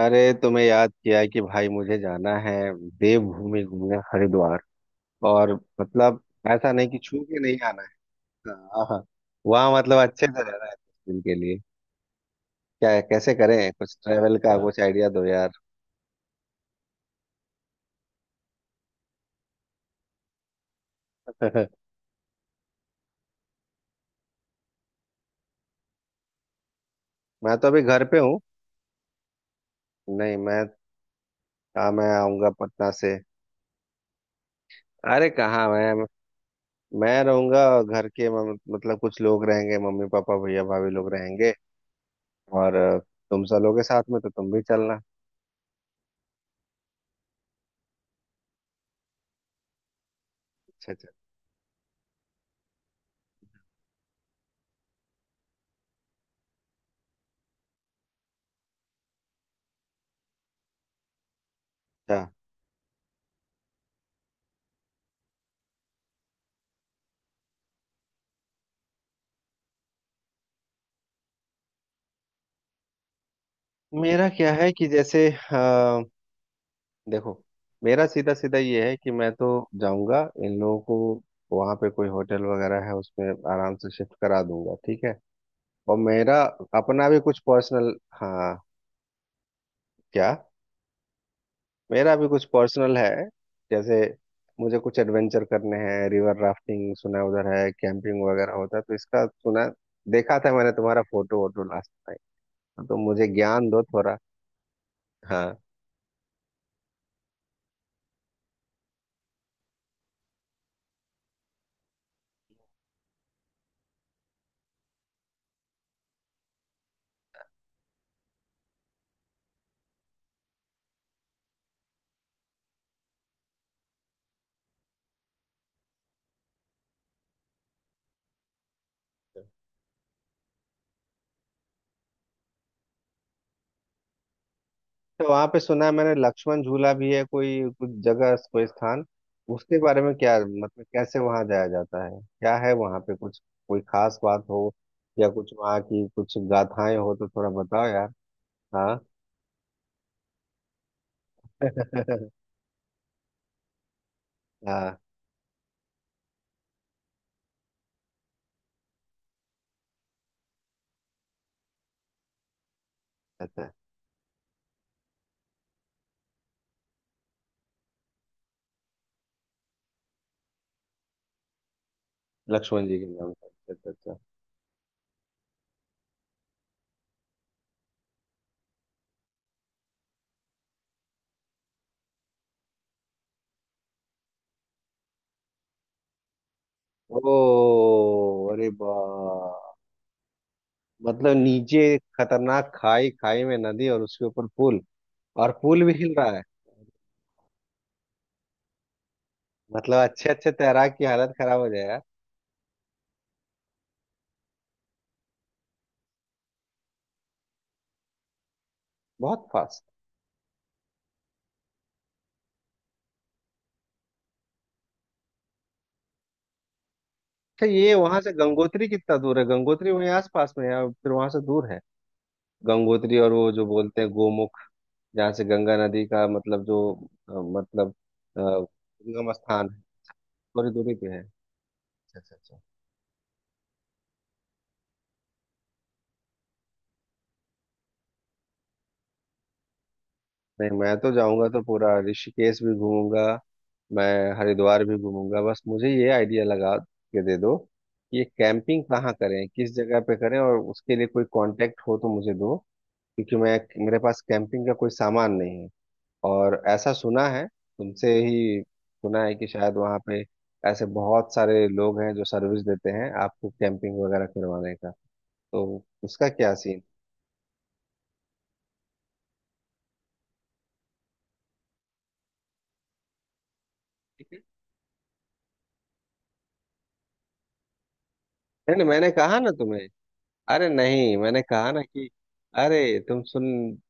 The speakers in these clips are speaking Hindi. अरे तुम्हें याद किया कि भाई मुझे जाना है देवभूमि घूमने हरिद्वार। और मतलब ऐसा नहीं कि छू के नहीं आना है। हाँ हाँ। वहाँ मतलब अच्छे से रहना है कुछ दिन के लिए। क्या, कैसे करें? कुछ ट्रेवल का कुछ आइडिया दो यार। मैं तो अभी घर पे हूँ। नहीं, मैं, हाँ, मैं आऊंगा पटना से। अरे कहाँ, मैं रहूंगा घर के मतलब कुछ लोग रहेंगे, मम्मी पापा भैया भाभी लोग रहेंगे। और तुम सब लोग के साथ में तो तुम भी चलना। अच्छा अच्छा अच्छा। मेरा क्या है कि जैसे देखो, मेरा सीधा सीधा ये है कि मैं तो जाऊंगा। इन लोगों को वहां पे कोई होटल वगैरह है उसमें आराम से शिफ्ट करा दूंगा, ठीक है। और मेरा अपना भी कुछ पर्सनल। हाँ। क्या? मेरा भी कुछ पर्सनल है। जैसे मुझे कुछ एडवेंचर करने हैं, रिवर राफ्टिंग सुना है उधर है, कैंपिंग वगैरह होता है तो इसका सुना। देखा था मैंने तुम्हारा फोटो वोटो लास्ट टाइम, तो मुझे ज्ञान दो थोड़ा। हाँ। तो वहां पे सुना है मैंने लक्ष्मण झूला भी है कोई कुछ जगह, कोई स्थान। उसके बारे में क्या मतलब, कैसे वहां जाया जाता है, क्या है वहां पे कुछ कोई खास बात हो या कुछ वहां की कुछ गाथाएं हो तो थोड़ा बताओ यार। हाँ। हाँ। अच्छा, लक्ष्मण जी के नाम से। अच्छा अच्छा। ओ अरे बा। मतलब नीचे खतरनाक खाई, खाई में नदी और उसके ऊपर पुल। और पुल भी हिल रहा है। मतलब अच्छे अच्छे तैराक की हालत खराब हो जाएगा। बहुत फास्ट। अच्छा, ये वहां से गंगोत्री कितना दूर है? गंगोत्री वहीं आसपास में है या फिर वहां से दूर है? गंगोत्री और वो जो बोलते हैं गोमुख, जहाँ से गंगा नदी का मतलब जो मतलब उद्गम स्थान है। थोड़ी दूरी पे है। अच्छा अच्छा अच्छा। नहीं, मैं तो जाऊंगा तो पूरा ऋषिकेश भी घूमूंगा, मैं हरिद्वार भी घूमूंगा। बस मुझे ये आइडिया लगा के दे दो कि ये कैंपिंग कहाँ करें, किस जगह पे करें, और उसके लिए कोई कांटेक्ट हो तो मुझे दो। क्योंकि मैं, मेरे पास कैंपिंग का कोई सामान नहीं है। और ऐसा सुना है, तुमसे ही सुना है कि शायद वहाँ पे ऐसे बहुत सारे लोग हैं जो सर्विस देते हैं आपको कैंपिंग वगैरह करवाने का। तो उसका क्या सीन? ठीक है। नहीं नहीं, मैंने कहा ना तुम्हें। अरे नहीं, मैंने कहा ना कि अरे तुम सुन,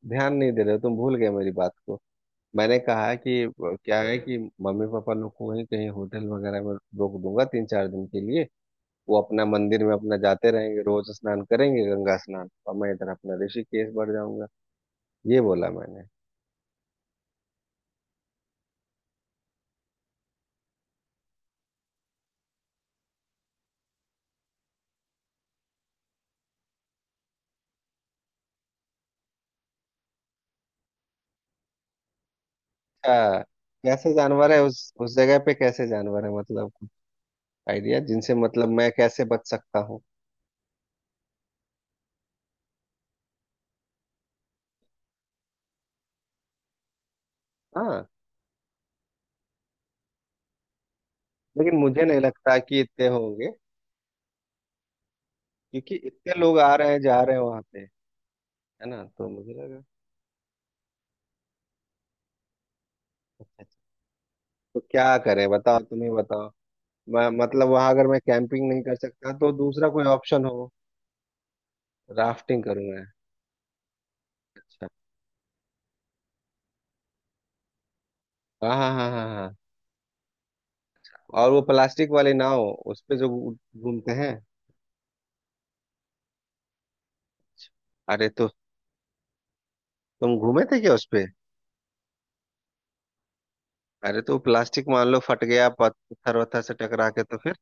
ध्यान नहीं दे रहे हो, तुम भूल गए मेरी बात को। मैंने कहा कि क्या है कि मम्मी पापा लोग को वहीं कहीं होटल वगैरह में रोक दूंगा 3-4 दिन के लिए। वो अपना मंदिर में अपना जाते रहेंगे, रोज स्नान करेंगे गंगा स्नान, और मैं इधर अपना ऋषिकेश बढ़ जाऊंगा। ये बोला मैंने। अच्छा, कैसे जानवर है उस जगह पे, कैसे जानवर है मतलब, आइडिया जिनसे मतलब मैं कैसे बच सकता हूँ। हाँ, लेकिन मुझे नहीं लगता कि इतने होंगे, क्योंकि इतने लोग आ रहे हैं जा रहे हैं वहां पे, है ना? तो मुझे लगा। अच्छा, तो क्या करें? बताओ, तुम ही बताओ। मैं मतलब वहां अगर मैं कैंपिंग नहीं कर सकता तो दूसरा कोई ऑप्शन हो? राफ्टिंग करूँ मैं? अच्छा, हाँ हाँ हाँ हाँ हाँ। और वो प्लास्टिक वाली नाव उस पे जो घूमते हैं। अरे तो तुम घूमे थे क्या उस पे? अरे तो प्लास्टिक मान लो फट गया, पत्थर वत्थर से टकरा के तो फिर?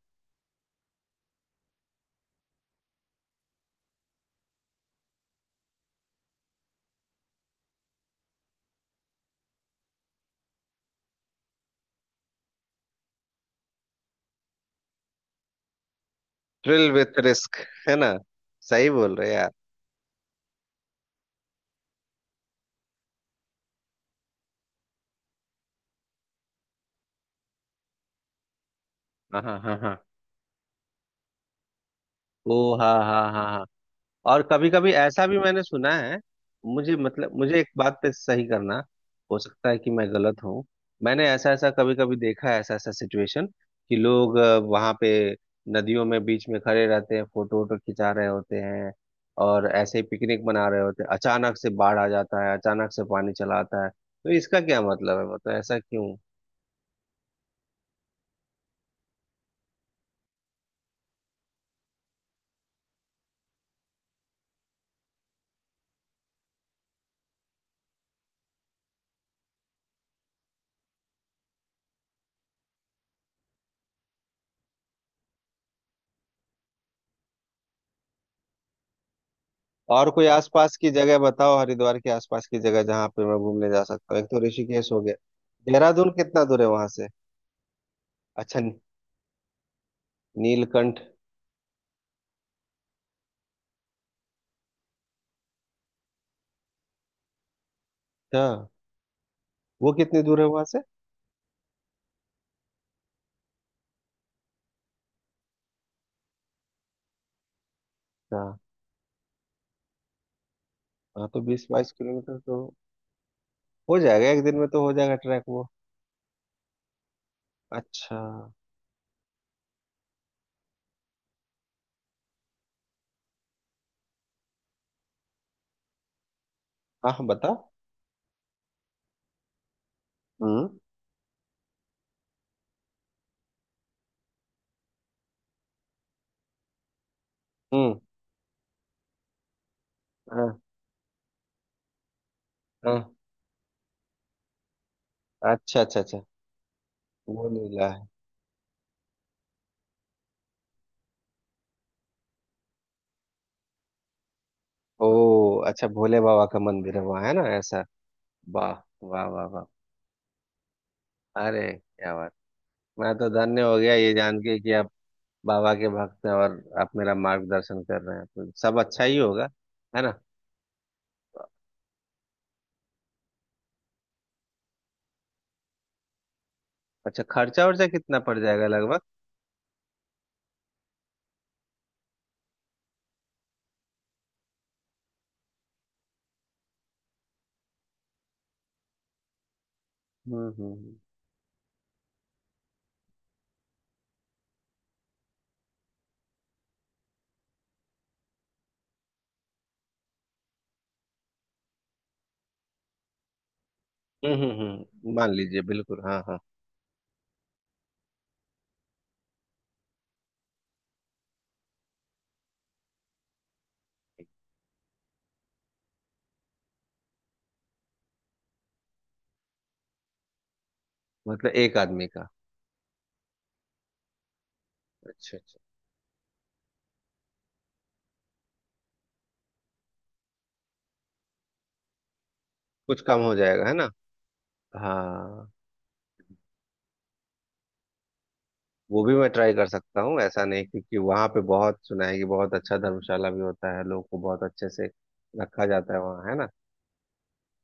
थ्रिल विथ रिस्क, है ना? सही बोल रहे यार। हाँ हाँ हाँ हाँ। ओ। हाँ हाँ हाँ। और कभी कभी ऐसा भी मैंने सुना है, मुझे मतलब मुझे एक बात पे सही करना, हो सकता है कि मैं गलत हूँ। मैंने ऐसा ऐसा कभी कभी देखा है, ऐसा ऐसा सिचुएशन कि लोग वहां पे नदियों में बीच में खड़े रहते हैं, फोटो वोटो खिंचा रहे होते हैं और ऐसे ही पिकनिक मना रहे होते हैं, अचानक से बाढ़ आ जाता है, अचानक से पानी चला आता है तो इसका क्या मतलब है? मतलब ऐसा क्यों? और कोई आसपास की जगह बताओ, हरिद्वार के आसपास की जगह जहाँ पे मैं घूमने जा सकता हूँ, एक तो ऋषिकेश हो गया। देहरादून कितना दूर है वहां से? अच्छा। नीलकंठ। अच्छा, वो कितनी दूर है वहां से? अच्छा हाँ। तो 20-22 किलोमीटर तो हो जाएगा, एक दिन में तो हो जाएगा ट्रैक वो। अच्छा, हाँ हाँ, बता। हम्म हम्म। हाँ हाँ। अच्छा अच्छा अच्छा। वो नीला है। ओ। अच्छा, भोले बाबा का मंदिर है वहाँ, है ना, ऐसा? वाह। वाह वाह वाह। अरे क्या बात! मैं तो धन्य हो गया ये जान के कि आप बाबा के भक्त हैं और आप मेरा मार्गदर्शन कर रहे हैं तो सब अच्छा ही होगा, है ना? अच्छा, खर्चा वर्चा कितना पड़ जाएगा लगभग? हम्म। मान लीजिए बिल्कुल, हाँ हाँ। मतलब एक आदमी का? अच्छा अच्छा। कुछ कम हो जाएगा, है ना? हाँ। वो भी मैं ट्राई कर सकता हूँ, ऐसा नहीं, क्योंकि वहाँ पे बहुत सुना है कि बहुत अच्छा धर्मशाला भी होता है, लोग को बहुत अच्छे से रखा जाता है वहाँ, है ना।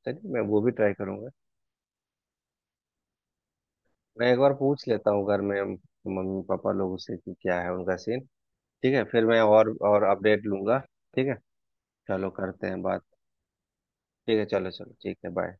चलिए, मैं वो भी ट्राई करूंगा। मैं एक बार पूछ लेता हूँ घर में मम्मी पापा लोगों से कि क्या है उनका सीन। ठीक है, फिर मैं और अपडेट लूंगा। ठीक है, चलो करते हैं बात। ठीक है, चलो चलो, ठीक है, बाय।